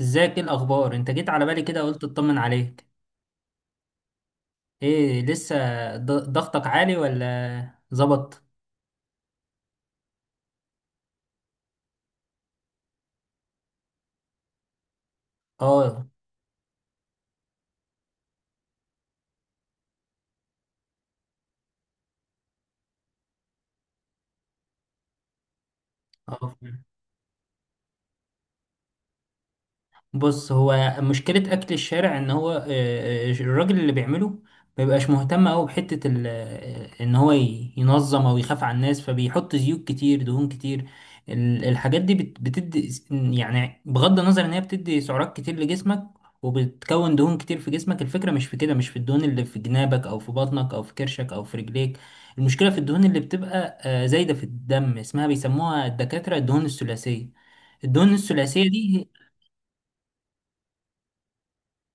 ازيك؟ ايه الاخبار؟ انت جيت على بالي كده، قلت اطمن عليك. ايه لسه ضغطك عالي ولا ظبط؟ اه. اه، بص، هو مشكلة أكل الشارع إن هو الراجل اللي بيعمله ما بيبقاش مهتم أوي بحتة إن هو ينظم أو يخاف على الناس، فبيحط زيوت كتير، دهون كتير. الحاجات دي بتدي يعني بغض النظر إن هي بتدي سعرات كتير لجسمك، وبتكون دهون كتير في جسمك. الفكرة مش في كده، مش في الدهون اللي في جنابك أو في بطنك أو في كرشك أو في رجليك. المشكلة في الدهون اللي بتبقى زايدة في الدم، اسمها بيسموها الدكاترة الدهون الثلاثية. الدهون الثلاثية دي،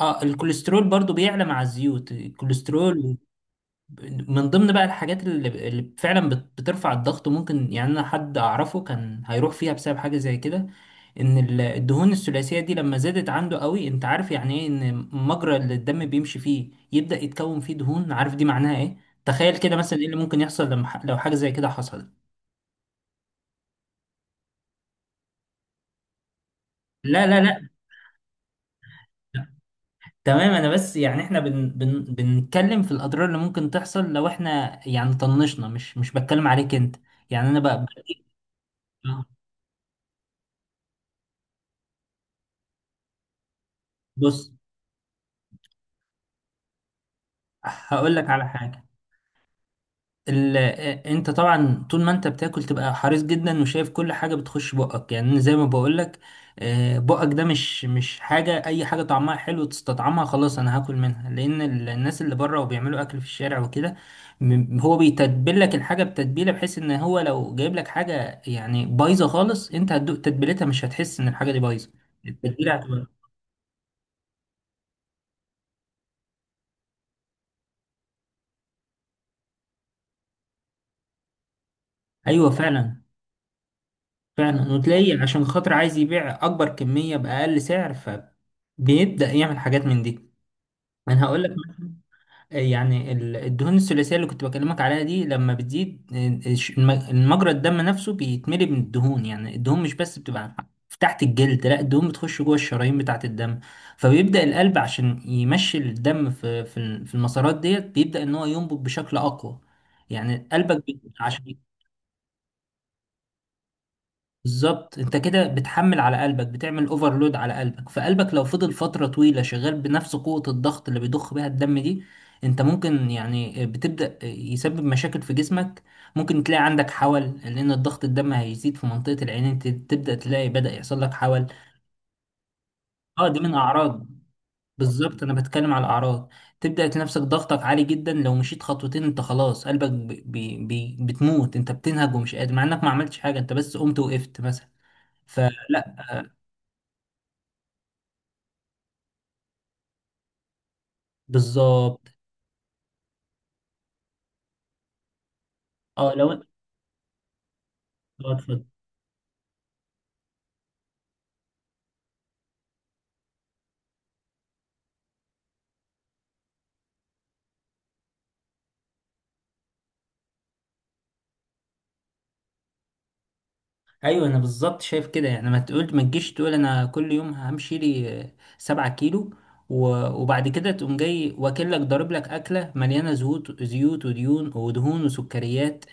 اه الكوليسترول برضو بيعلى مع الزيوت، الكوليسترول. من ضمن بقى الحاجات اللي فعلا بترفع الضغط، ممكن يعني انا حد اعرفه كان هيروح فيها بسبب حاجة زي كده. ان الدهون الثلاثية دي لما زادت عنده قوي، انت عارف يعني ايه ان مجرى اللي الدم بيمشي فيه يبدأ يتكون فيه دهون؟ عارف دي معناها ايه؟ تخيل كده مثلا ايه اللي ممكن يحصل لما لو حاجة زي كده حصلت. لا لا لا، تمام، انا بس يعني احنا بن بن بنتكلم في الاضرار اللي ممكن تحصل لو احنا يعني طنشنا، مش بتكلم عليك انت. يعني انا بقى، بص، هقول لك على حاجة. ال... آه، انت طبعا طول ما انت بتاكل تبقى حريص جدا وشايف كل حاجه بتخش بقك، يعني زي ما بقولك، بقك ده مش حاجه اي حاجه طعمها حلو تستطعمها خلاص انا هاكل منها، لان الناس اللي بره وبيعملوا اكل في الشارع وكده، هو بيتبل لك الحاجه بتتبيله بحيث ان هو لو جايب لك حاجه يعني بايظه خالص، انت هتدوق تتبيلتها مش هتحس ان الحاجه دي بايظه. التتبيله هتبقى ايوه فعلا. فعلا، وتلاقي عشان خاطر عايز يبيع اكبر كميه باقل سعر، ف بيبدأ يعمل حاجات من دي. انا هقول لك مثلا، يعني الدهون الثلاثيه اللي كنت بكلمك عليها دي لما بتزيد، المجرى الدم نفسه بيتملي من الدهون، يعني الدهون مش بس بتبقى في تحت الجلد، لا، الدهون بتخش جوه الشرايين بتاعه الدم. فبيبدا القلب عشان يمشي الدم في المسارات ديت، بيبدا ان هو ينبض بشكل اقوى. يعني قلبك عشان بالظبط. انت كده بتحمل على قلبك، بتعمل اوفرلود على قلبك، فقلبك لو فضل فترة طويلة شغال بنفس قوة الضغط اللي بيضخ بيها الدم دي، انت ممكن يعني بتبدأ يسبب مشاكل في جسمك. ممكن تلاقي عندك حول لان الضغط الدم هيزيد في منطقة العينين، تبدأ تلاقي بدأ يحصل لك حول. اه دي من اعراض. بالظبط، انا بتكلم على الاعراض. تبدأ تنفسك ضغطك عالي جدا، لو مشيت خطوتين انت خلاص قلبك بتموت، انت بتنهج ومش قادر مع انك ما عملتش حاجة، انت بس قمت وقفت مثلا. ف بالظبط. اه لو انت اتفضل. ايوه انا بالظبط شايف كده، يعني ما تقول ما تجيش تقول انا كل يوم همشي لي سبعة كيلو، وبعد كده تقوم جاي واكلك ضارب لك اكله مليانه زيوت زيوت وديون ودهون وسكريات،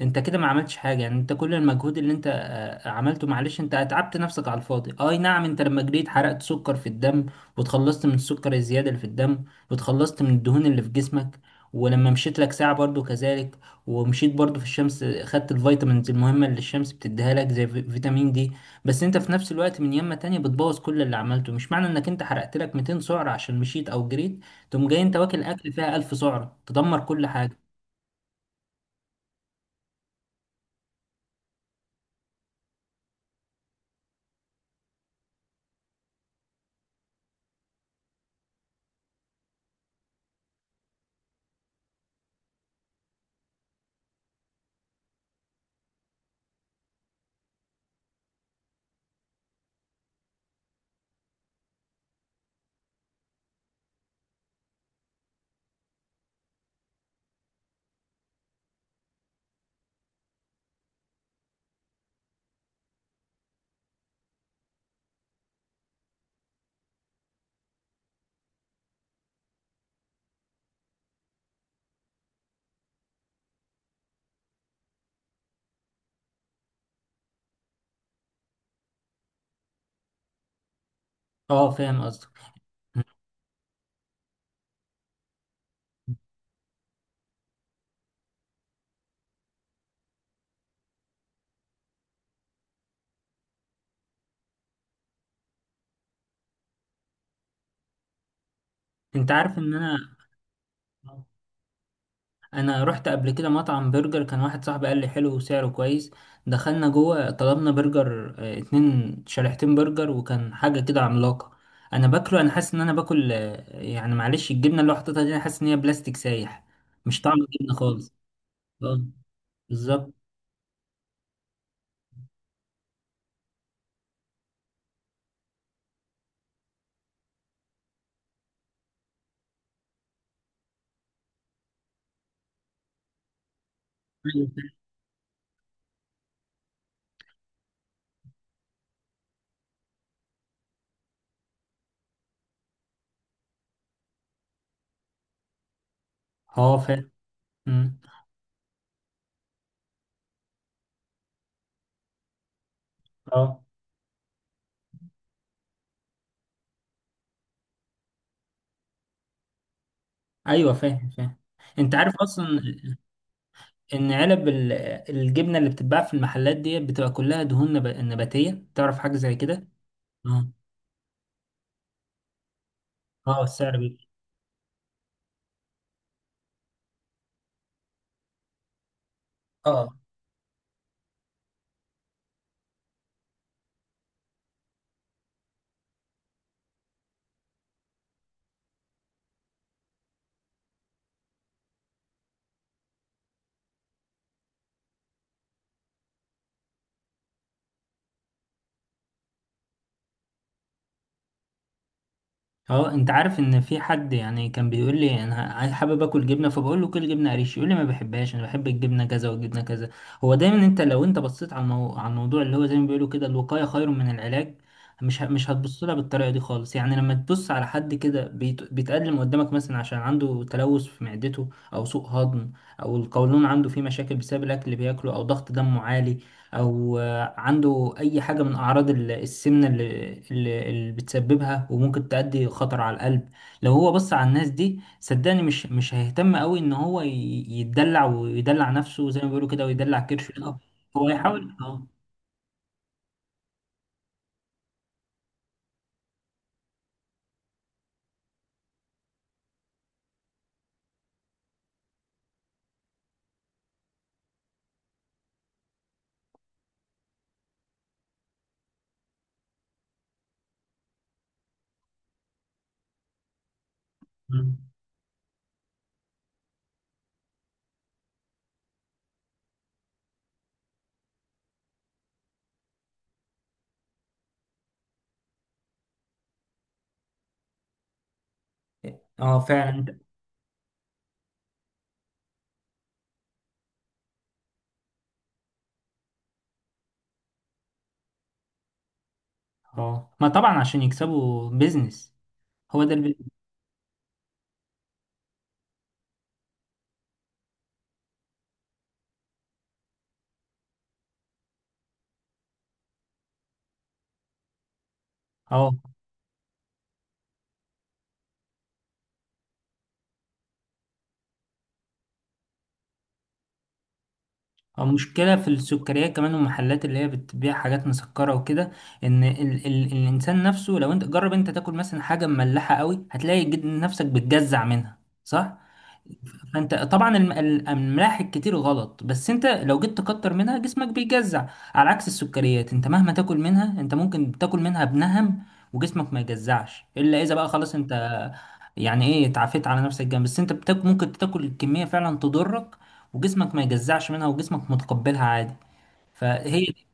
انت كده ما عملتش حاجه. يعني انت كل المجهود اللي انت عملته معلش، انت اتعبت نفسك على الفاضي. اي نعم انت لما جريت حرقت سكر في الدم، وتخلصت من السكر الزياده اللي في الدم، وتخلصت من الدهون اللي في جسمك، ولما مشيت لك ساعه برضو كذلك، ومشيت برضو في الشمس خدت الفيتامينز المهمة اللي الشمس بتديها لك زي فيتامين دي. بس انت في نفس الوقت من يمة تانية بتبوظ كل اللي عملته. مش معنى انك انت حرقت لك 200 سعرة عشان مشيت او جريت تقوم جاي انت واكل اكل فيها 1000 سعرة تدمر كل حاجة. اه فاهم قصدك. انت عارف ان انا، انا رحت قبل كده مطعم برجر، كان واحد صاحبي قال لي حلو وسعره كويس. دخلنا جوه طلبنا برجر، اتنين شريحتين برجر، وكان حاجة كده عملاقة. انا باكله انا حاسس ان انا باكل يعني معلش الجبنة اللي هو حاططها دي انا حاسس ان هي بلاستيك سايح، مش طعم الجبنة خالص. اه بالظبط. أيوة. اه فاهم. أمم. اه ايوه فاهم فاهم. انت عارف اصلا ان علب الجبنة اللي بتتباع في المحلات دي بتبقى كلها دهون نباتية، تعرف حاجة زي كده؟ اه. اه السعر بيبقى اه. اه، انت عارف ان في حد يعني كان بيقول لي انا حابب اكل جبنه، فبقول له كل جبنه قريش، يقول لي ما بحبهاش، انا بحب الجبنه كذا والجبنه كذا. هو دايما انت لو انت بصيت على على الموضوع اللي هو زي ما بيقولوا كده الوقايه خير من العلاج، مش هتبص لها بالطريقه دي خالص. يعني لما تبص على حد كده بيتقدم قدامك مثلا عشان عنده تلوث في معدته او سوء هضم، او القولون عنده فيه مشاكل بسبب الاكل اللي بياكله، او ضغط دمه عالي، او عنده أي حاجة من أعراض السمنة اللي بتسببها وممكن تؤدي خطر على القلب. لو هو بص على الناس دي صدقني مش هيهتم قوي إن هو يتدلع ويدلع نفسه زي ما بيقولوا كده ويدلع كرشه، لا. هو يحاول اه. مم. اه فعلا. اه ما طبعا عشان يكسبوا بيزنس، هو ده البيزنس. اه أو مشكلة في السكريات كمان والمحلات اللي هي بتبيع حاجات مسكرة وكده. إن ال ال الإنسان نفسه، لو أنت جرب أنت تاكل مثلا حاجة مملحة قوي هتلاقي نفسك بتجزع منها، صح؟ فانت طبعا الاملاح الكتير غلط، بس انت لو جيت تكتر منها جسمك بيجزع. على عكس السكريات، انت مهما تاكل منها، انت ممكن تاكل منها بنهم وجسمك ما يجزعش الا اذا بقى خلاص انت يعني ايه اتعافيت على نفسك جامد، بس انت بتاك ممكن تاكل الكمية فعلا تضرك، وجسمك ما يجزعش منها، وجسمك متقبلها عادي. فهي دي.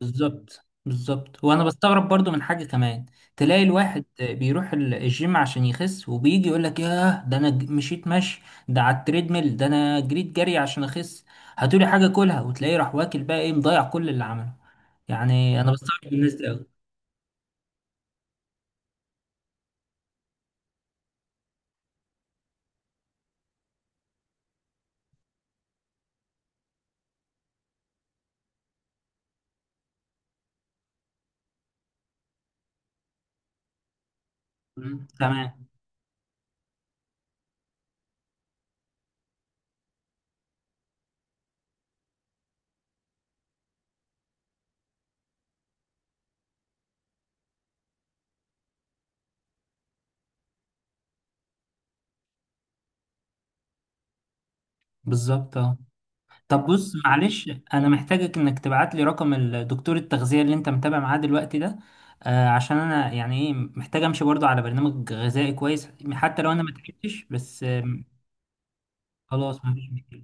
بالظبط بالظبط. وانا بستغرب برضو من حاجه كمان، تلاقي الواحد بيروح الجيم عشان يخس، وبيجي يقول لك ياه ده انا مشيت مشي ده على التريدميل، ده انا جريت جري عشان اخس هاتولي حاجه كلها، وتلاقيه راح واكل بقى، ايه مضيع كل اللي عمله. يعني انا بستغرب من الناس دي قوي. تمام بالظبط اه. طب بص معلش، انا محتاجك انك تبعت لي رقم الدكتور التغذية اللي انت متابع معاه دلوقتي ده. آه، عشان انا يعني ايه محتاج امشي برضو على برنامج غذائي كويس حتى لو انا ما تعبتش بس خلاص مفيش مشكلة،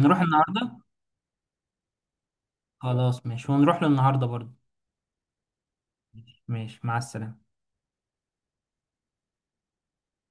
نروح النهاردة. خلاص ماشي، ونروح له النهاردة برضو. ماشي، مع السلامة.